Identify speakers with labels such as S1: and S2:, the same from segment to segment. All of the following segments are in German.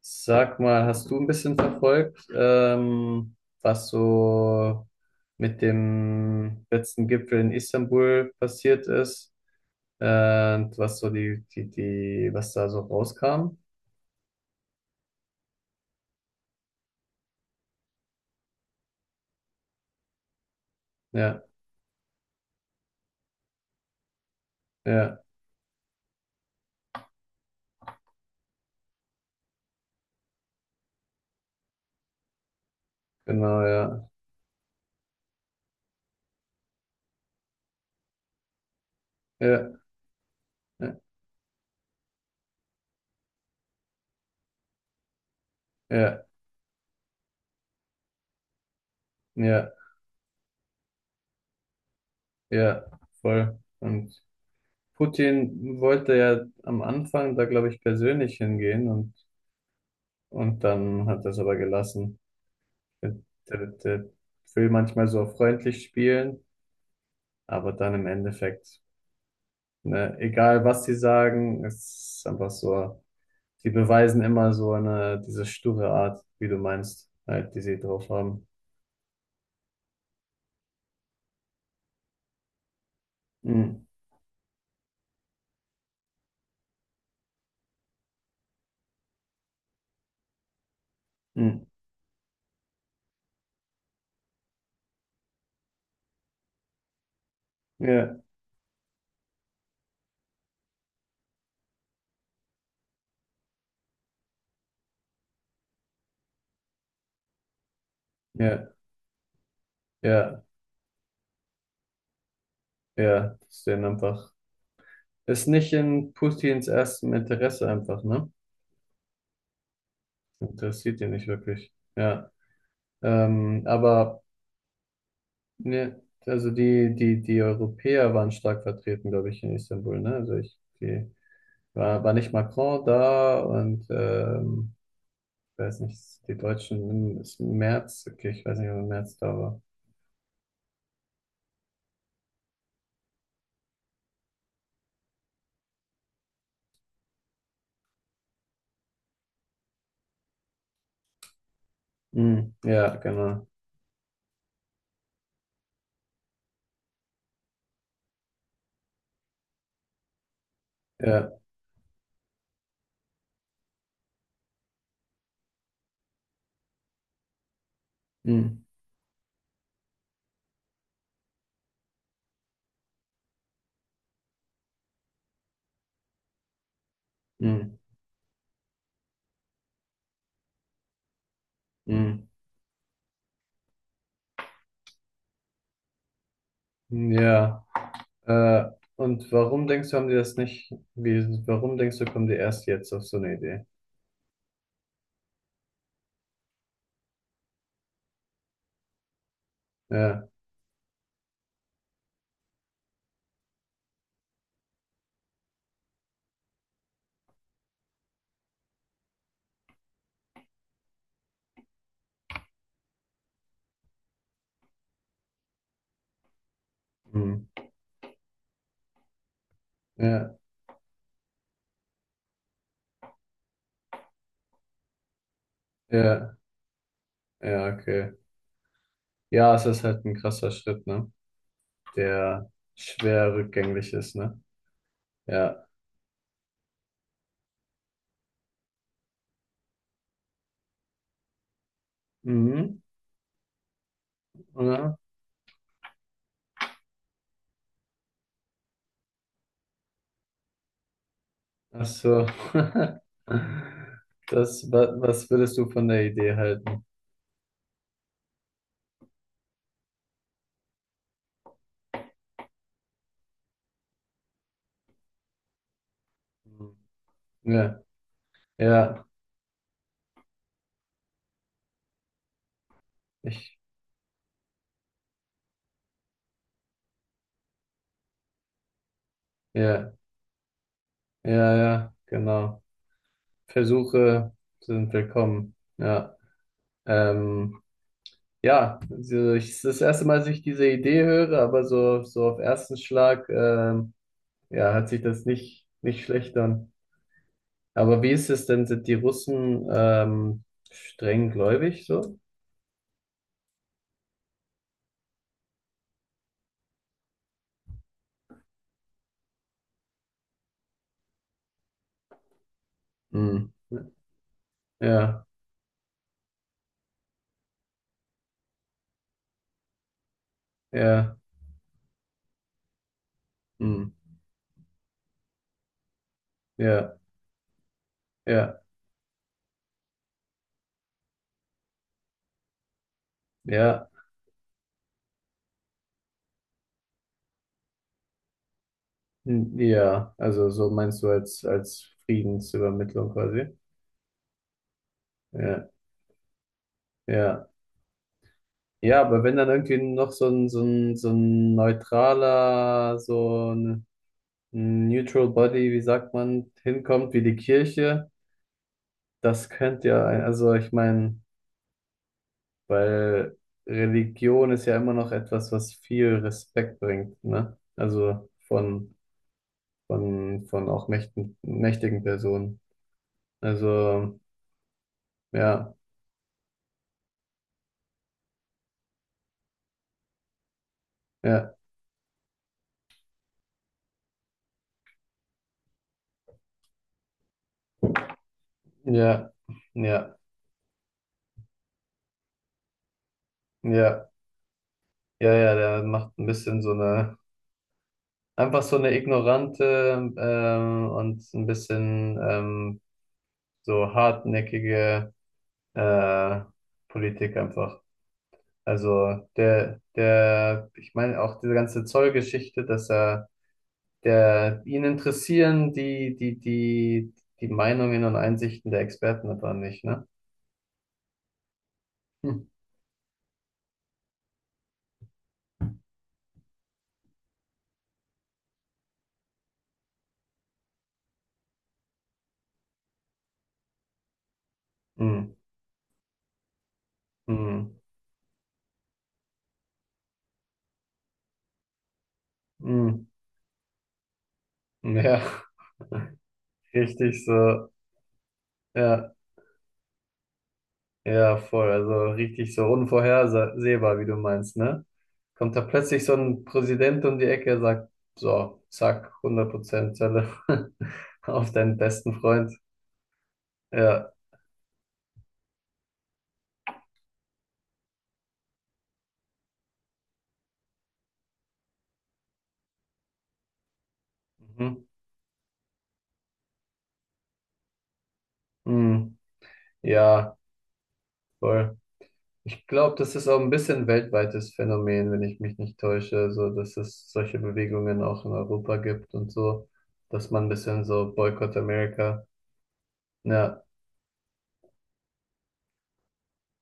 S1: Sag mal, hast du ein bisschen verfolgt, was so mit dem letzten Gipfel in Istanbul passiert ist? Und was so was da so rauskam? Ja, ja, genau, ja. Ja, ja, ja, ja, ja, voll. Und Putin wollte ja am Anfang da, glaube ich, persönlich hingehen und dann hat er es aber gelassen. Der, der will manchmal so freundlich spielen. Aber dann im Endeffekt, ne, egal was sie sagen, es ist einfach so, sie beweisen immer so eine, diese sture Art, wie du meinst, halt, die sie drauf haben. Mm, mm, ja, ja, ja, ja, das ist denen einfach, ist nicht in Putins erstem Interesse einfach, ne? Interessiert ihn nicht wirklich, ja. Aber, ne, also die Europäer waren stark vertreten, glaube ich, in Istanbul, ne? Also ich, die, war nicht Macron da? Und ich weiß nicht, die Deutschen, ist Merz, okay, ich weiß nicht, ob Merz da war. Mm, ja, genau. Ja, mm, mm, mm. Ja, äh, und warum denkst du, haben die das nicht, wie, warum denkst du, kommen die erst jetzt auf so eine Idee? Ja, mm, ja, ja, ja, okay. Ja, es ist halt ein krasser Schritt, ne? Der schwer rückgängig ist, ne? Ja. Mhm. Ach so. Was würdest du von der Idee halten? Hm. Ja, ja, ich, ja, ja, ja, genau. Versuche sind willkommen. Ja, ähm, ja, es ist das erste Mal, dass ich diese Idee höre, aber so auf ersten Schlag, ja, hat sich das nicht schlecht an. Aber wie ist es denn? Sind die Russen, streng gläubig so? Hm. Ja, ja, hm. Ja. Ja, ja, ja, also so meinst du als, Friedensübermittlung quasi. Ja, ja. Ja, aber wenn dann irgendwie noch so ein neutraler, so ein Neutral Body, wie sagt man, hinkommt, wie die Kirche, das könnte ja, also ich meine, weil Religion ist ja immer noch etwas, was viel Respekt bringt, ne? Also von, von auch mächtigen, mächtigen Personen. Also, ja. Ja, ja, ja, ja, ja, ja, der macht ein bisschen so eine, einfach so eine ignorante und ein bisschen so hartnäckige äh, Politik einfach. Also ich meine auch diese ganze Zollgeschichte, ihn interessieren die Meinungen und Einsichten der Experten aber nicht, ne? Hm. Hm. Hm. Hm. Ja, richtig so, ja. Ja, voll. Also richtig so unvorhersehbar, wie du meinst, ne? Kommt da plötzlich so ein Präsident um die Ecke, sagt, so, zack, 100% Zelle auf deinen besten Freund. Ja. Mhm. Mhm. Ja, voll. Ich glaube, das ist auch ein bisschen ein weltweites Phänomen, wenn ich mich nicht täusche, so dass es solche Bewegungen auch in Europa gibt und so, dass man ein bisschen so Boykott America. Ja.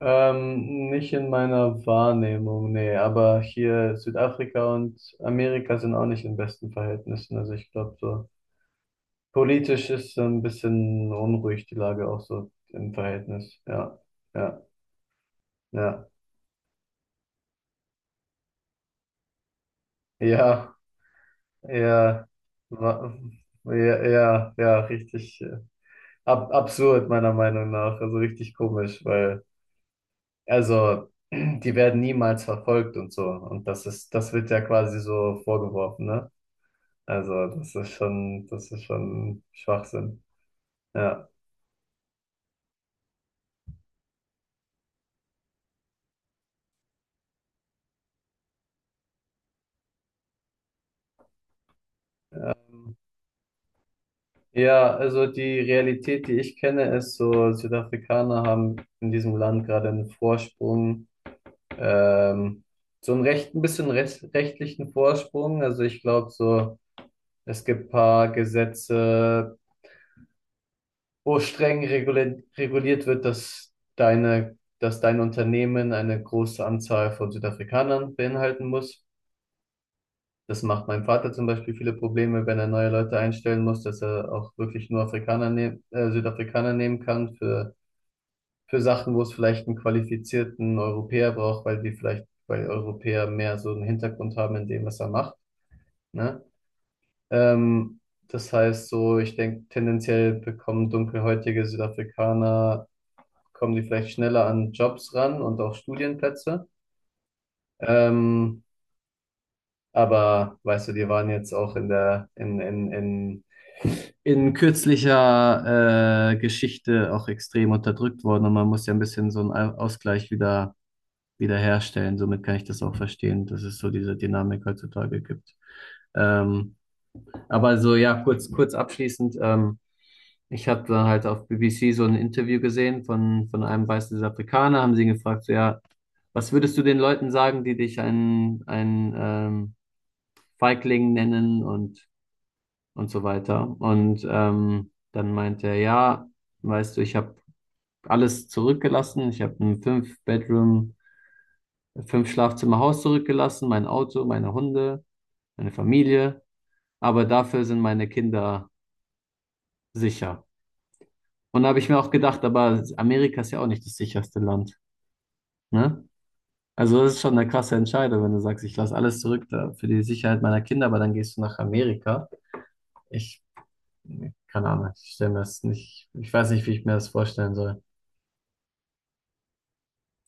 S1: Nicht in meiner Wahrnehmung, nee, aber hier Südafrika und Amerika sind auch nicht in besten Verhältnissen. Also ich glaube, so politisch ist so ein bisschen unruhig die Lage auch so im Verhältnis. Ja, ja, ja, ja, ja, wa- ja, ja, ja, richtig ab absurd meiner Meinung nach. Also richtig komisch, weil, also, die werden niemals verfolgt und so. Und das wird ja quasi so vorgeworfen, ne? Also, das ist schon Schwachsinn. Ja. Ja, also die Realität, die ich kenne, ist so, Südafrikaner haben in diesem Land gerade einen Vorsprung, ähm, so einen recht, ein bisschen recht, rechtlichen Vorsprung. Also ich glaube so, es gibt paar Gesetze, wo streng reguliert wird, dass dass dein Unternehmen eine große Anzahl von Südafrikanern beinhalten muss. Das macht meinem Vater zum Beispiel viele Probleme, wenn er neue Leute einstellen muss, dass er auch wirklich nur Südafrikaner nehmen kann für, Sachen, wo es vielleicht einen qualifizierten Europäer braucht, weil Europäer mehr so einen Hintergrund haben in dem, was er macht, ne? Ähm, das heißt so, ich denke, tendenziell bekommen dunkelhäutige Südafrikaner, kommen die vielleicht schneller an Jobs ran und auch Studienplätze. Ähm, aber weißt du, die waren jetzt auch in der, in kürzlicher Geschichte auch extrem unterdrückt worden, und man muss ja ein bisschen so einen Ausgleich wieder herstellen. Somit kann ich das auch verstehen, dass es so diese Dynamik heutzutage gibt. Ähm, aber so, ja, kurz, kurz abschließend, ich habe dann halt auf BBC so ein Interview gesehen von einem weißen Afrikaner, haben sie ihn gefragt, so, ja, was würdest du den Leuten sagen, die dich einen Feigling nennen und so weiter. Und dann meinte er, ja, weißt du, ich habe alles zurückgelassen. Ich habe ein Fünf-Schlafzimmer-Haus zurückgelassen, mein Auto, meine Hunde, meine Familie. Aber dafür sind meine Kinder sicher. Und da habe ich mir auch gedacht, aber Amerika ist ja auch nicht das sicherste Land, ne? Also das ist schon eine krasse Entscheidung, wenn du sagst, ich lasse alles zurück da für die Sicherheit meiner Kinder, aber dann gehst du nach Amerika. Ich, keine Ahnung, ich stelle mir das nicht, ich weiß nicht, wie ich mir das vorstellen soll.